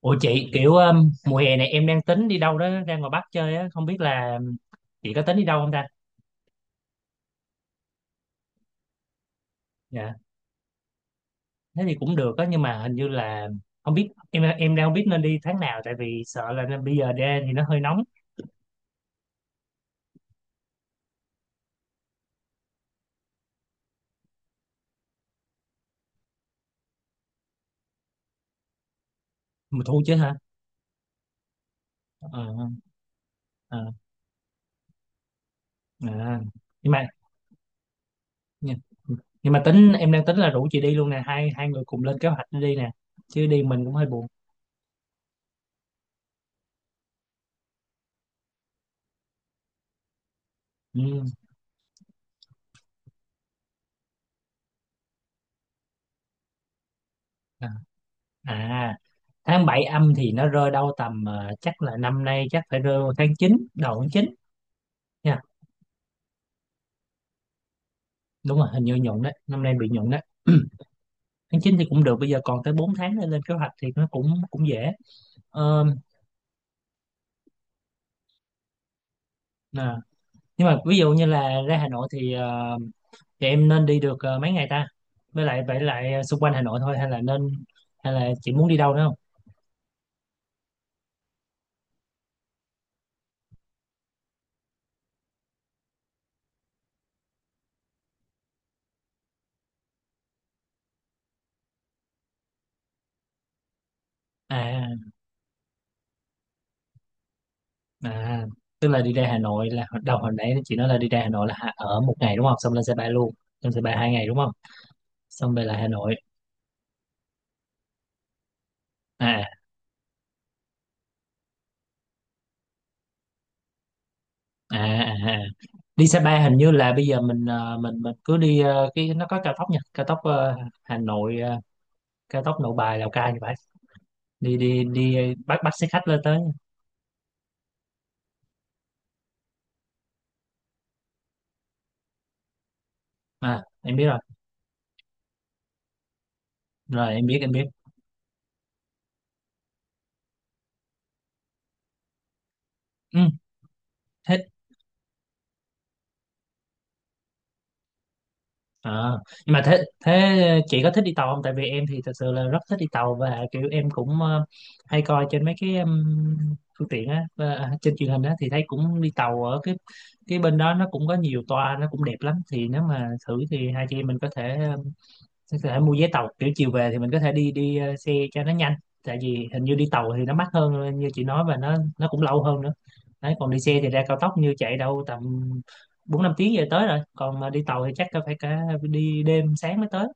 Ủa chị kiểu mùa hè này em đang tính đi đâu đó ra ngoài Bắc chơi á, không biết là chị có tính đi đâu không ta? Dạ. Thế thì cũng được á, nhưng mà hình như là không biết em đang không biết nên đi tháng nào, tại vì sợ là bây giờ ra thì nó hơi nóng. Mùa thu chứ hả? Ờ, ờ, à. Nhưng mà nhưng nhưng mà tính em đang tính là rủ chị đi luôn nè, hai hai người cùng lên kế hoạch đi nè, chứ đi mình cũng hơi buồn. Ừ. À à, tháng 7 âm thì nó rơi đâu tầm chắc là năm nay chắc phải rơi vào tháng chín, đầu tháng 9. Đúng rồi, hình như nhuận đấy, năm nay bị nhuận đấy. Tháng 9 thì cũng được, bây giờ còn tới 4 tháng để lên kế hoạch thì nó cũng cũng dễ. Ờ, nè. Nhưng mà ví dụ như là ra Hà Nội thì thì em nên đi được mấy ngày ta, với lại vậy lại xung quanh Hà Nội thôi hay là nên, hay là chị muốn đi đâu nữa không? À à, tức là đi ra Hà Nội là đầu hồi nãy chị nói là đi ra Hà Nội là ở một ngày đúng không, xong lên xe ba luôn, lên xe ba hai ngày đúng không, xong về lại Hà Nội. à à à, à. Đi Sapa hình như là bây giờ mình mình cứ đi cái nó có cao tốc nha, cao tốc Hà Nội cao tốc Nội Bài Lào Cai, như vậy đi đi đi bắt bắt xe khách lên tới. À em biết rồi, rồi em biết. Ừ, thích. Ờ, nhưng mà thế thế chị có thích đi tàu không, tại vì em thì thật sự là rất thích đi tàu, và kiểu em cũng hay coi trên mấy cái phương tiện á, trên truyền hình á, thì thấy cũng đi tàu ở cái bên đó, nó cũng có nhiều toa, nó cũng đẹp lắm, thì nếu mà thử thì hai chị em mình có thể. Thì có thể mua vé tàu kiểu chiều về thì mình có thể đi đi xe cho nó nhanh, tại vì hình như đi tàu thì nó mắc hơn như chị nói, và nó cũng lâu hơn nữa đấy. Còn đi xe thì ra cao tốc như chạy đâu tầm bốn năm tiếng về tới rồi, còn mà đi tàu thì chắc có phải cả đi đêm sáng mới tới.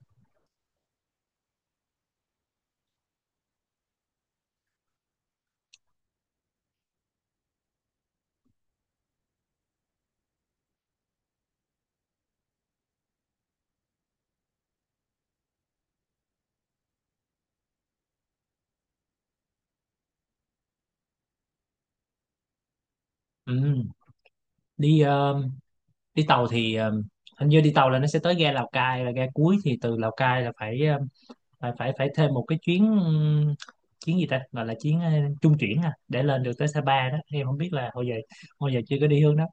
Ừ. Đi đi tàu thì hình như đi tàu là nó sẽ tới ga Lào Cai là ga cuối, thì từ Lào Cai là phải phải thêm một cái chuyến chuyến gì ta, gọi là chuyến trung chuyển à, để lên được tới Sapa đó, em không biết là hồi giờ, hồi giờ chưa có đi hướng đó.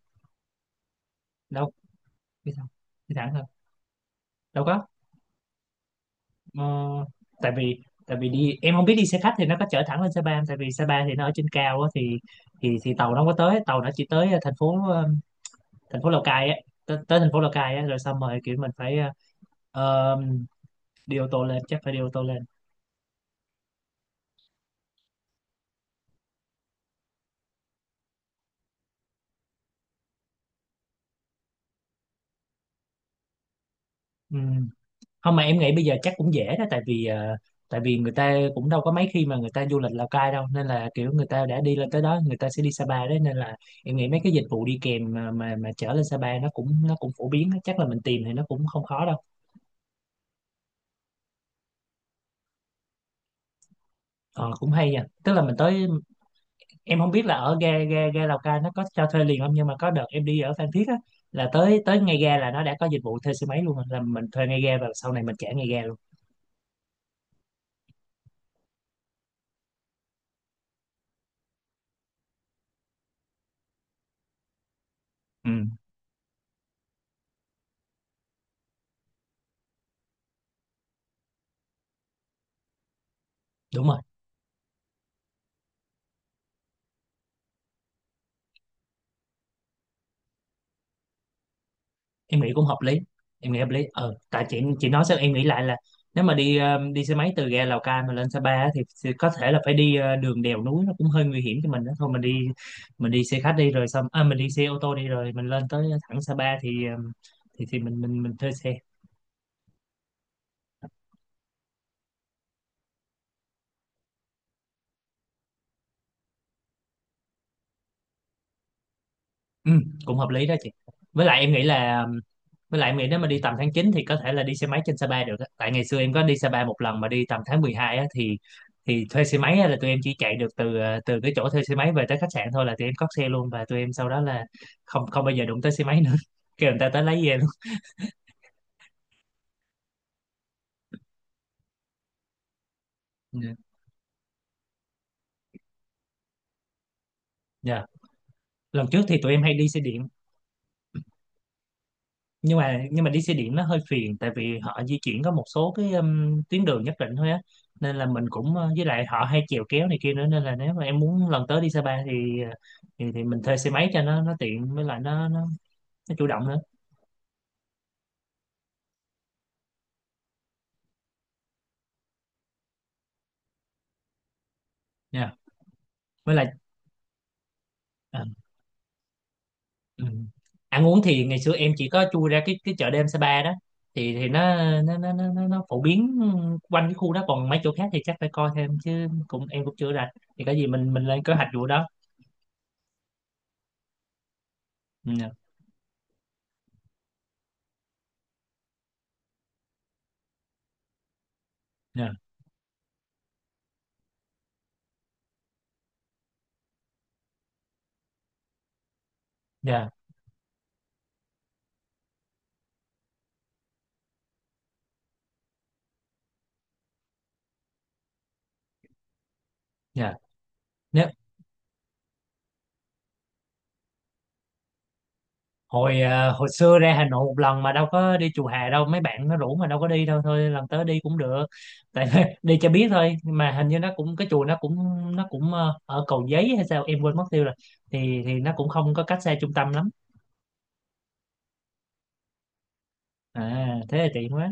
Đâu, đi sao, đi thẳng thôi đâu có. ờ, tại vì đi em không biết đi xe khách thì nó có chở thẳng lên Sapa không? Tại vì Sapa thì nó ở trên cao á, thì thì tàu nó không có tới, tàu nó chỉ tới thành phố thành phố Lào Cai á, tới, tới thành phố Lào Cai á rồi xong rồi kiểu mình phải ờ, đi ô tô lên, chắc phải đi ô tô lên. Ừ. Không mà em nghĩ bây giờ chắc cũng dễ đó, tại vì tại vì người ta cũng đâu có mấy khi mà người ta du lịch Lào Cai đâu, nên là kiểu người ta đã đi lên tới đó người ta sẽ đi Sapa đấy, nên là em nghĩ mấy cái dịch vụ đi kèm mà mà chở lên Sapa nó cũng phổ biến á. Chắc là mình tìm thì nó cũng không khó đâu. Ờ, cũng hay nha, tức là mình tới, em không biết là ở ga ga ga Lào Cai nó có cho thuê liền không, nhưng mà có đợt em đi ở Phan Thiết á, là tới tới ngay ga là nó đã có dịch vụ thuê xe máy luôn rồi, là mình thuê ngay ga và sau này mình trả ngay ga luôn. Ừ đúng rồi. Em nghĩ cũng hợp lý, em nghĩ hợp lý. Ờ tại chị nói sao em nghĩ lại là nếu mà đi đi xe máy từ ga Lào Cai mà lên Sa Pa á, thì có thể là phải đi đường đèo núi nó cũng hơi nguy hiểm cho mình đó, thôi mình đi, mình đi xe khách đi rồi xong à, mình đi xe ô tô đi rồi mình lên tới thẳng Sa Pa, thì thì mình thuê xe. Ừ, cũng hợp lý đó chị, với lại em nghĩ là, với lại Mỹ nếu mà đi tầm tháng 9 thì có thể là đi xe máy trên Sapa được á. Tại ngày xưa em có đi Sapa một lần mà đi tầm tháng 12 á, thì thuê xe máy á là tụi em chỉ chạy được từ từ cái chỗ thuê xe máy về tới khách sạn thôi, là tụi em cót xe luôn, và tụi em sau đó là không, không bao giờ đụng tới xe máy nữa. Kêu người ta tới lấy về luôn. Dạ. Lần trước thì tụi em hay đi xe điện, nhưng mà đi xe điện nó hơi phiền, tại vì họ di chuyển có một số cái tuyến đường nhất định thôi á, nên là mình cũng với lại họ hay chèo kéo này kia nữa, nên là nếu mà em muốn lần tới đi Sapa thì thì mình thuê xe máy cho nó tiện, với lại nó chủ động nữa nha. Với lại ờ, ừ. Ăn uống thì ngày xưa em chỉ có chui ra cái chợ đêm Sapa đó, thì nó phổ biến quanh cái khu đó, còn mấy chỗ khác thì chắc phải coi thêm chứ, cũng em cũng chưa rành, thì có gì mình lên kế hoạch vụ đó. Ừ, dạ dạ. Dạ. Hồi hồi xưa ra Hà Nội một lần mà đâu có đi chùa Hà đâu, mấy bạn nó rủ mà đâu có đi, đâu thôi lần tới đi cũng được, tại đi cho biết thôi, nhưng mà hình như nó cũng cái chùa nó cũng, ở Cầu Giấy hay sao em quên mất tiêu rồi, thì nó cũng không có cách xa trung tâm lắm. À thế là tiện quá.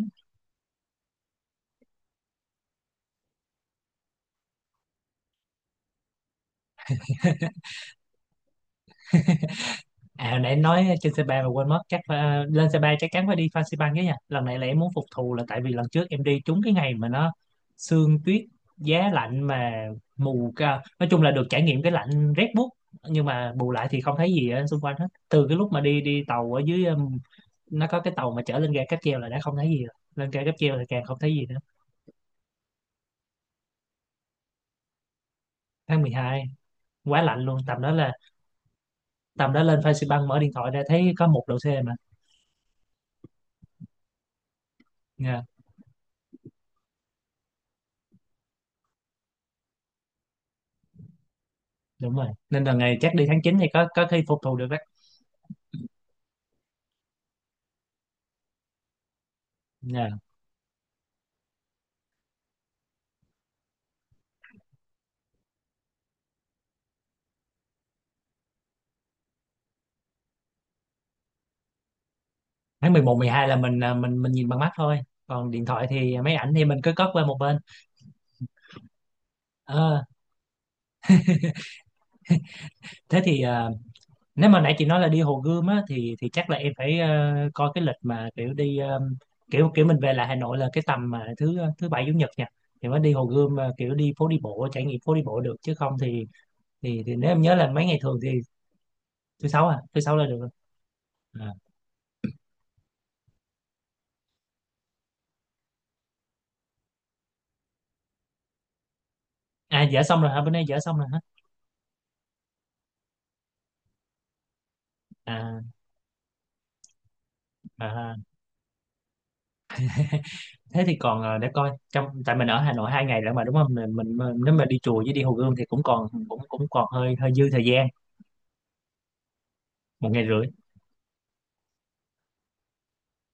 À hồi nãy em nói trên C3 mà quên mất, chắc phải, à, lên C3 chắc chắn phải đi Fansipan cái nha. Lần này là em muốn phục thù, là tại vì lần trước em đi trúng cái ngày mà nó sương tuyết, giá lạnh mà mù ca. Nói chung là được trải nghiệm cái lạnh rét buốt, nhưng mà bù lại thì không thấy gì ở xung quanh hết. Từ cái lúc mà đi đi tàu ở dưới, nó có cái tàu mà chở lên ga cáp treo là đã không thấy gì rồi. Lên ga cáp treo thì càng không thấy gì nữa. Tháng mười hai quá lạnh luôn, tầm đó là tầm đó lên Fansipan mở điện thoại ra thấy có một độ C mà. Dạ. Đúng rồi. Nên là ngày chắc đi tháng 9 thì có khi phục thù được đó. Dạ. Tháng mười một mười hai là mình à, mình nhìn bằng mắt thôi. Còn điện thoại thì máy ảnh thì mình cứ cất qua một bên. Ờ, thế thì à, nếu mà nãy chị nói là đi Hồ Gươm á, thì chắc là em phải coi cái lịch mà kiểu đi kiểu kiểu mình về lại Hà Nội là cái tầm mà thứ thứ bảy chủ nhật nha. Thì mới đi Hồ Gươm, kiểu đi phố đi bộ, trải nghiệm phố đi bộ được, chứ không thì thì nếu em nhớ là mấy ngày thường thì, thứ sáu à, thứ sáu là được rồi. À, à dở xong rồi hả? Bữa nay dở xong rồi hả? À, à thế thì còn để coi, trong tại mình ở Hà Nội hai ngày nữa mà đúng không, nếu mà đi chùa với đi Hồ Gươm thì cũng còn, cũng cũng còn hơi hơi dư thời gian. Một ngày rưỡi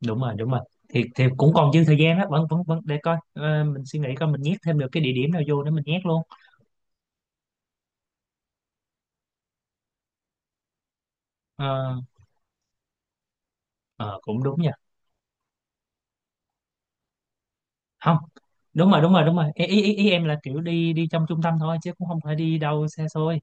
đúng rồi, đúng rồi, thì cũng còn dư thời gian đó, vẫn vẫn vẫn để coi. Ờ, mình suy nghĩ coi mình nhét thêm được cái địa điểm nào vô để mình nhét luôn. Ờ, ờ, cũng đúng nha. Không, đúng rồi đúng rồi đúng rồi, ý, ý, ý ý em là kiểu đi đi trong trung tâm thôi, chứ cũng không phải đi đâu xa xôi.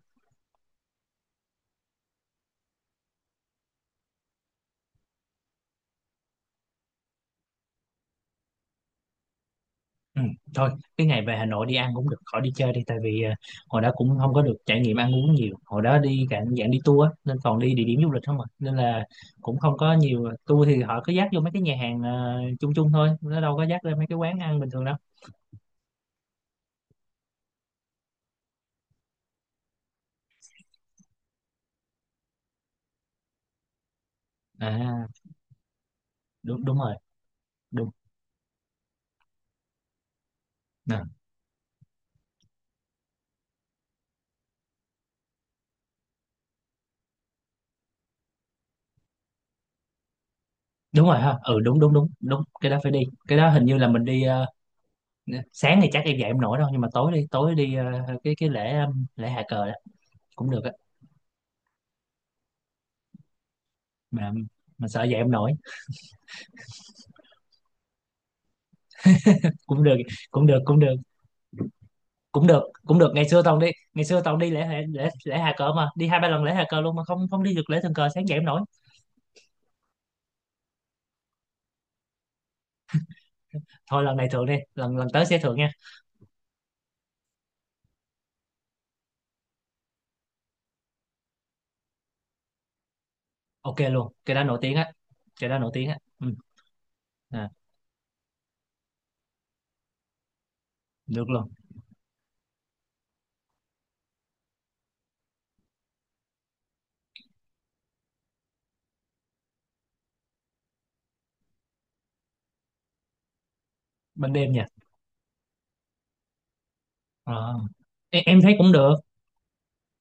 Ừ, thôi cái ngày về Hà Nội đi ăn cũng được, khỏi đi chơi đi, tại vì hồi đó cũng không có được trải nghiệm ăn uống nhiều, hồi đó đi cả dạng đi tour á, nên toàn đi địa điểm du lịch không à, nên là cũng không có nhiều. Ờ, tour thì họ cứ dắt vô mấy cái nhà hàng chung chung thôi, nó đâu có dắt lên mấy cái quán ăn bình thường đâu. À đúng, đúng rồi, đúng. À, đúng rồi ha, ừ đúng đúng cái đó phải đi. Cái đó hình như là mình đi sáng thì chắc em dậy em nổi đâu, nhưng mà tối đi, tối đi cái lễ lễ hạ cờ đó cũng được á. mà mà sợ dậy em nổi, cũng được cũng được cũng được cũng được cũng được Ngày xưa toàn đi, ngày xưa toàn đi lễ lễ lễ Hà Cờ, mà đi hai ba lần lễ Hà Cờ luôn mà không, không đi được lễ Thường Cờ, sáng dậy không nổi. Thôi lần này thượng đi, lần lần tới sẽ thượng nha. Ok luôn, cái đó nổi tiếng á. Cái đó nổi tiếng á, ừ. À, được luôn. Ban đêm nha. Ờ. Em thấy cũng được,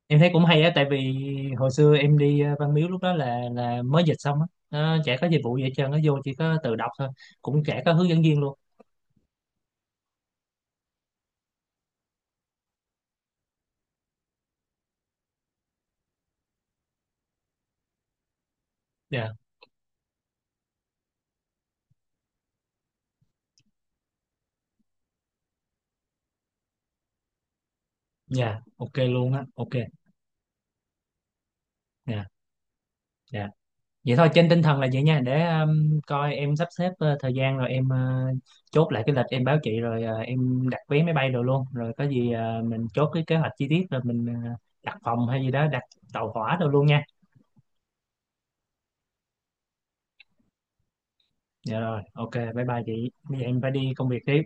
em thấy cũng hay á, tại vì hồi xưa em đi Văn Miếu lúc đó là mới dịch xong á, nó chả có dịch vụ gì hết trơn, nó vô chỉ có tự đọc thôi, cũng chả có hướng dẫn viên luôn. Dạ. Dạ ok luôn á, ok. Dạ. Dạ. Vậy thôi trên tinh thần là vậy nha, để coi em sắp xếp thời gian rồi em chốt lại cái lịch em báo chị, rồi em đặt vé máy bay đồ luôn, rồi có gì mình chốt cái kế hoạch chi tiết, rồi mình đặt phòng hay gì đó, đặt tàu hỏa đồ luôn nha. Dạ rồi ok, bye bye chị, bây giờ em phải đi công việc tiếp.